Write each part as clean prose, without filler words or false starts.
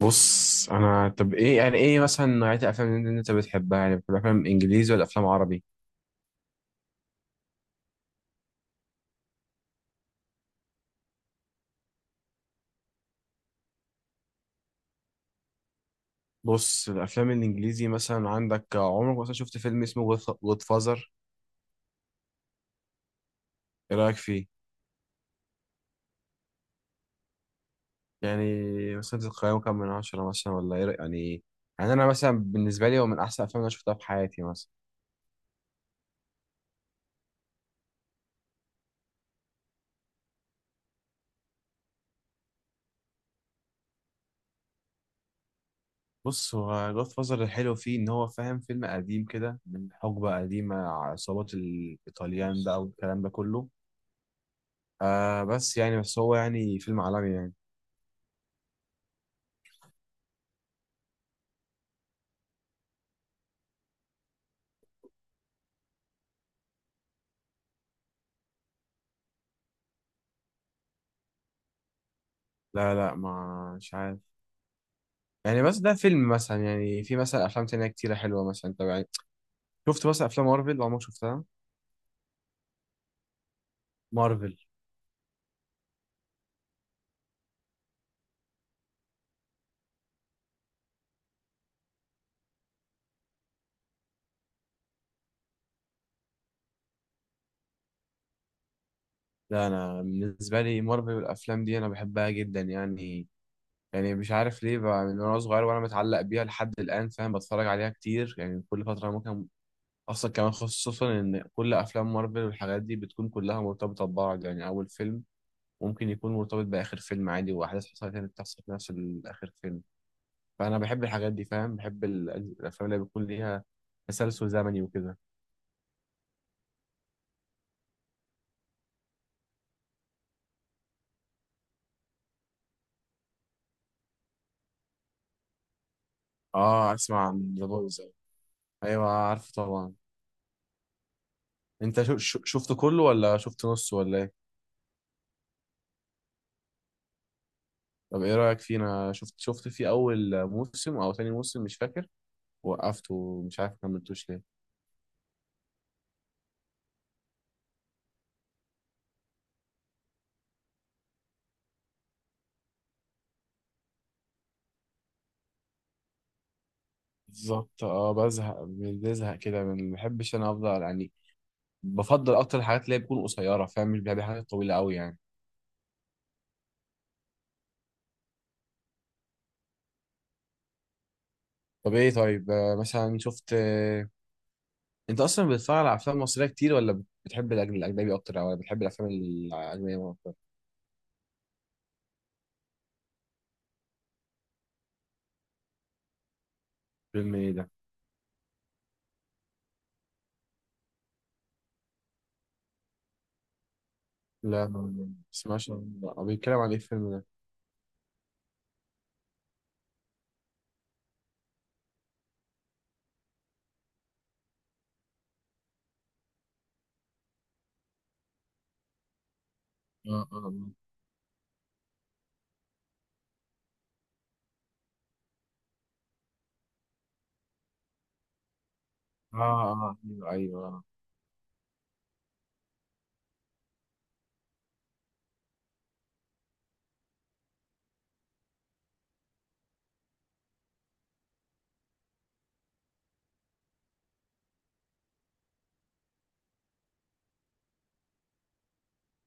بص، انا طب، ايه مثلا نوعية الافلام اللي انت بتحبها؟ يعني بتحب افلام انجليزي ولا افلام عربي؟ بص، الافلام الانجليزي مثلا، عندك عمرك مثلا شفت فيلم اسمه جود فازر؟ ايه رايك فيه؟ يعني مثلا تقييمه كام من 10 مثلا، ولا ايه يعني. يعني انا مثلا بالنسبة لي، هو من احسن الافلام اللي انا شفتها في حياتي مثلا. بص، هو جود فازر الحلو فيه ان هو، فاهم، فيلم قديم كده من حقبة قديمة، عصابات الايطاليان بقى والكلام ده كله. آه، بس هو يعني فيلم عالمي يعني. لا، لا، ما مش عارف. يعني بس ده فيلم، مثلا يعني في مثلا افلام تانية كتيرة حلوة، مثلا انت يعني شفت مثلا افلام مارفل؟ عمرك شفتها؟ مارفل. لا، انا بالنسبة لي مارفل والافلام دي انا بحبها جدا يعني. يعني مش عارف ليه بقى، من وانا صغير وانا متعلق بيها لحد الان، فاهم؟ بتفرج عليها كتير يعني، كل فترة ممكن. اصلا كمان، خصوصا ان كل افلام مارفل والحاجات دي بتكون كلها مرتبطة ببعض، يعني اول فيلم ممكن يكون مرتبط باخر فيلم عادي، واحداث حصلت هنا بتحصل في نفس الاخر فيلم. فانا بحب الحاجات دي فاهم، بحب الافلام اللي بيكون ليها تسلسل زمني وكده. اه، اسمع عن ذا بويز. ايوه، عارف طبعا. انت شفته كله ولا شفت نصه ولا ايه؟ طب ايه رايك فيه؟ انا شفت فيه اول موسم او تاني موسم مش فاكر. وقفته، مش عارف كملتوش ليه. بالظبط، اه، بزهق بزهق كده، ما بحبش انا، افضل يعني. بفضل اكتر الحاجات اللي هي بتكون قصيره فاهم، مش بحب الحاجات الطويله قوي يعني. طب ايه طيب، مثلا شفت، انت اصلا بتتفرج على افلام مصريه كتير، ولا بتحب الاجنبي اكتر، او بتحب الافلام الاجنبيه اكتر؟ فيلم ايه ده؟ لا، ما بسمعش، لا. هو بيتكلم عن ايه الفيلم ده؟ اه، اه، اه، اه. آه، ايوه، ايوه، آه.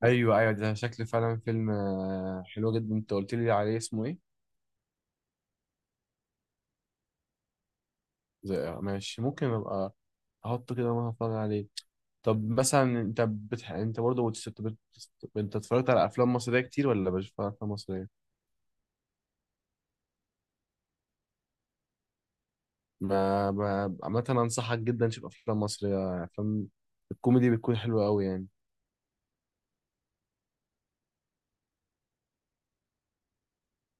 ايوه، ايوه، ده شكل فعلا فيلم حلو جدا. انت قلت لي عليه اسمه ايه؟ ماشي، ممكن ابقى احطه كده وانا هتفرج عليه. طب مثلا، انت بتح... انت برضه بتست... بت... انت اتفرجت على افلام مصريه كتير ولا مش بتتفرج على افلام مصريه؟ ب- عامة، أنصحك جدا تشوف أفلام مصرية، أفلام الكوميدي بتكون حلوة أوي يعني.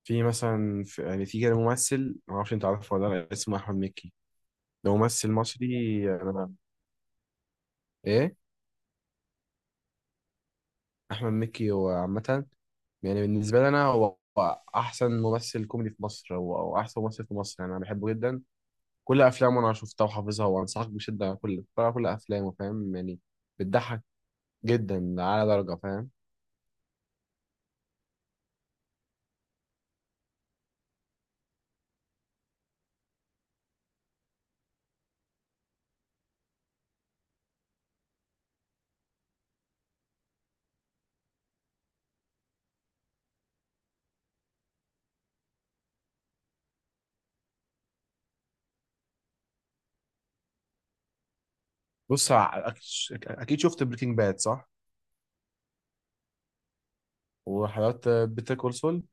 في مثلا في يعني في كده ممثل، معرفش أنت عارفه ولا لأ، اسمه أحمد مكي. ده ممثل مصري. أنا إيه أحمد مكي هو عامة، يعني بالنسبة لي أنا هو أحسن ممثل كوميدي في مصر، هو أحسن ممثل في مصر يعني، أنا بحبه جدا. كل أفلامه أنا شفتها وحافظها، وأنصحك بشدة على كل اتفرج على كل أفلامه فاهم يعني. بتضحك جدا على درجة فاهم. بص، أكيد شفت بريكنج باد، صح؟ وحضرت بيتر كول سول.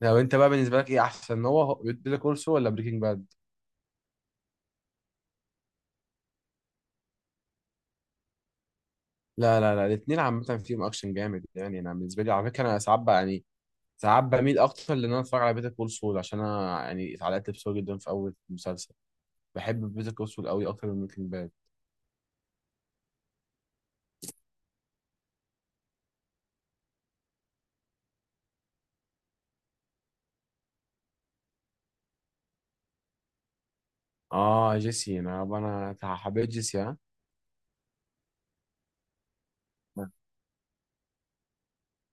لو انت بقى بالنسبه لك ايه احسن، هو بيتر كول سول ولا بريكنج باد؟ لا، لا، لا، الاثنين عامه فيهم اكشن جامد يعني، انا بالنسبه لي على فكره انا ساعات بقى يعني، ساعات بميل اكتر، لان انا اتفرج على بيتر كول سول عشان انا يعني اتعلقت بسول جدا في اول مسلسل. بحب بيتر كول سول قوي اكتر من بريكنج باد. اه، جيسي، انا حبيت جيسي، ها.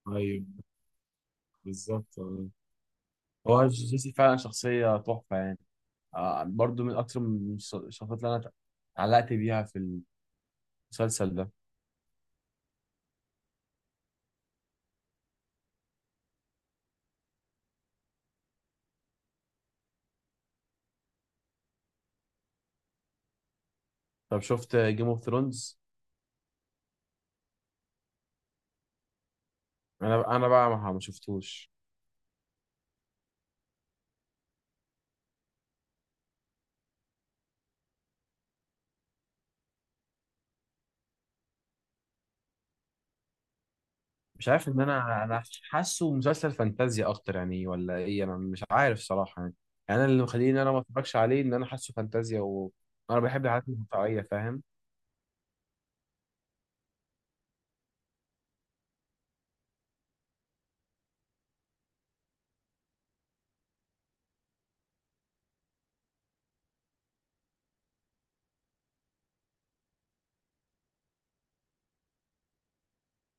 ايوه، بالظبط، آه. هو جيسي فعلا شخصيه تحفه يعني. آه، برضو اكتر من الشخصيات اللي انا اتعلقت بيها في المسلسل ده. طب شفت جيم اوف ثرونز؟ انا بقى ما شفتوش. مش عارف ان انا حاسه مسلسل فانتازيا اكتر يعني ولا ايه، انا مش عارف صراحه يعني. يعني انا اللي مخليني ان انا ما اتفرجش عليه، ان انا حاسه فانتازيا، وانا بحب الحاجات الواقعيه فاهم.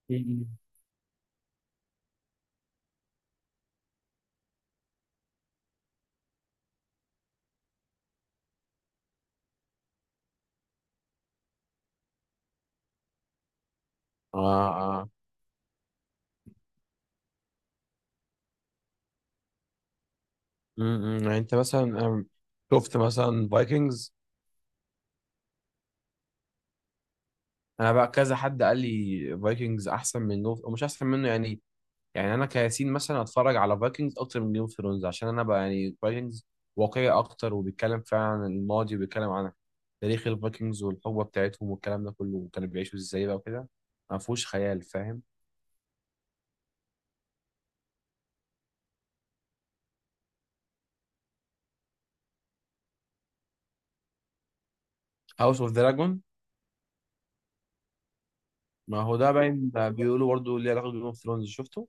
مم. اه، اه. يعني انت مثلا شفت مثلا فايكنجز؟ انا بقى كذا، حد قال لي فايكنجز احسن من جوف او مش احسن منه يعني. يعني انا كياسين مثلا اتفرج على فايكنجز اكتر من جيم اوف ثرونز، عشان انا بقى يعني فايكنجز واقعي اكتر، وبيتكلم فعلا عن الماضي، وبيتكلم عن تاريخ الفايكنجز والحقبه بتاعتهم والكلام ده كله، وكانوا بيعيشوا ازاي بقى وكده، ما فيهوش خيال فاهم. هاوس اوف دراجون. ما هو ده باين، ده بيقولوا برضه ليه علاقه بجيم اوف ثرونز، شفته؟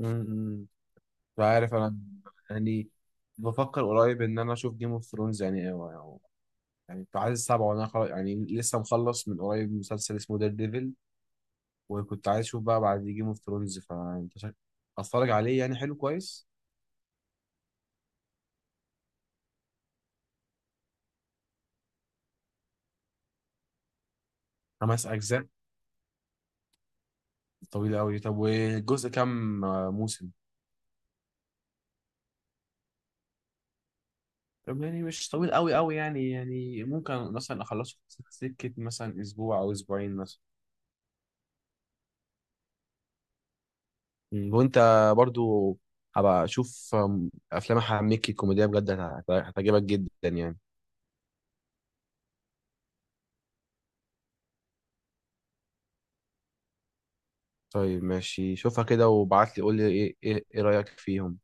امم مش عارف انا، يعني بفكر قريب ان انا اشوف جيم اوف ثرونز يعني. يعني في عايز السبعه وانا يعني لسه مخلص من قريب مسلسل اسمه دير ديفل، وكنت عايز اشوف بقى بعد جيم اوف ثرونز، فانت اتفرج عليه يعني حلو كويس. 5 اجزاء؟ طويل قوي، طب والجزء كام موسم؟ طب يعني مش طويل قوي قوي، يعني ممكن مثلا اخلصه في سكة مثلا اسبوع او اسبوعين مثلا. مم. وانت برضو هبقى اشوف افلام حميكي كوميديا بجد هتعجبك جدا يعني. طيب ماشي، شوفها كده وبعت لي قول لي ايه ايه إيه رأيك فيهم؟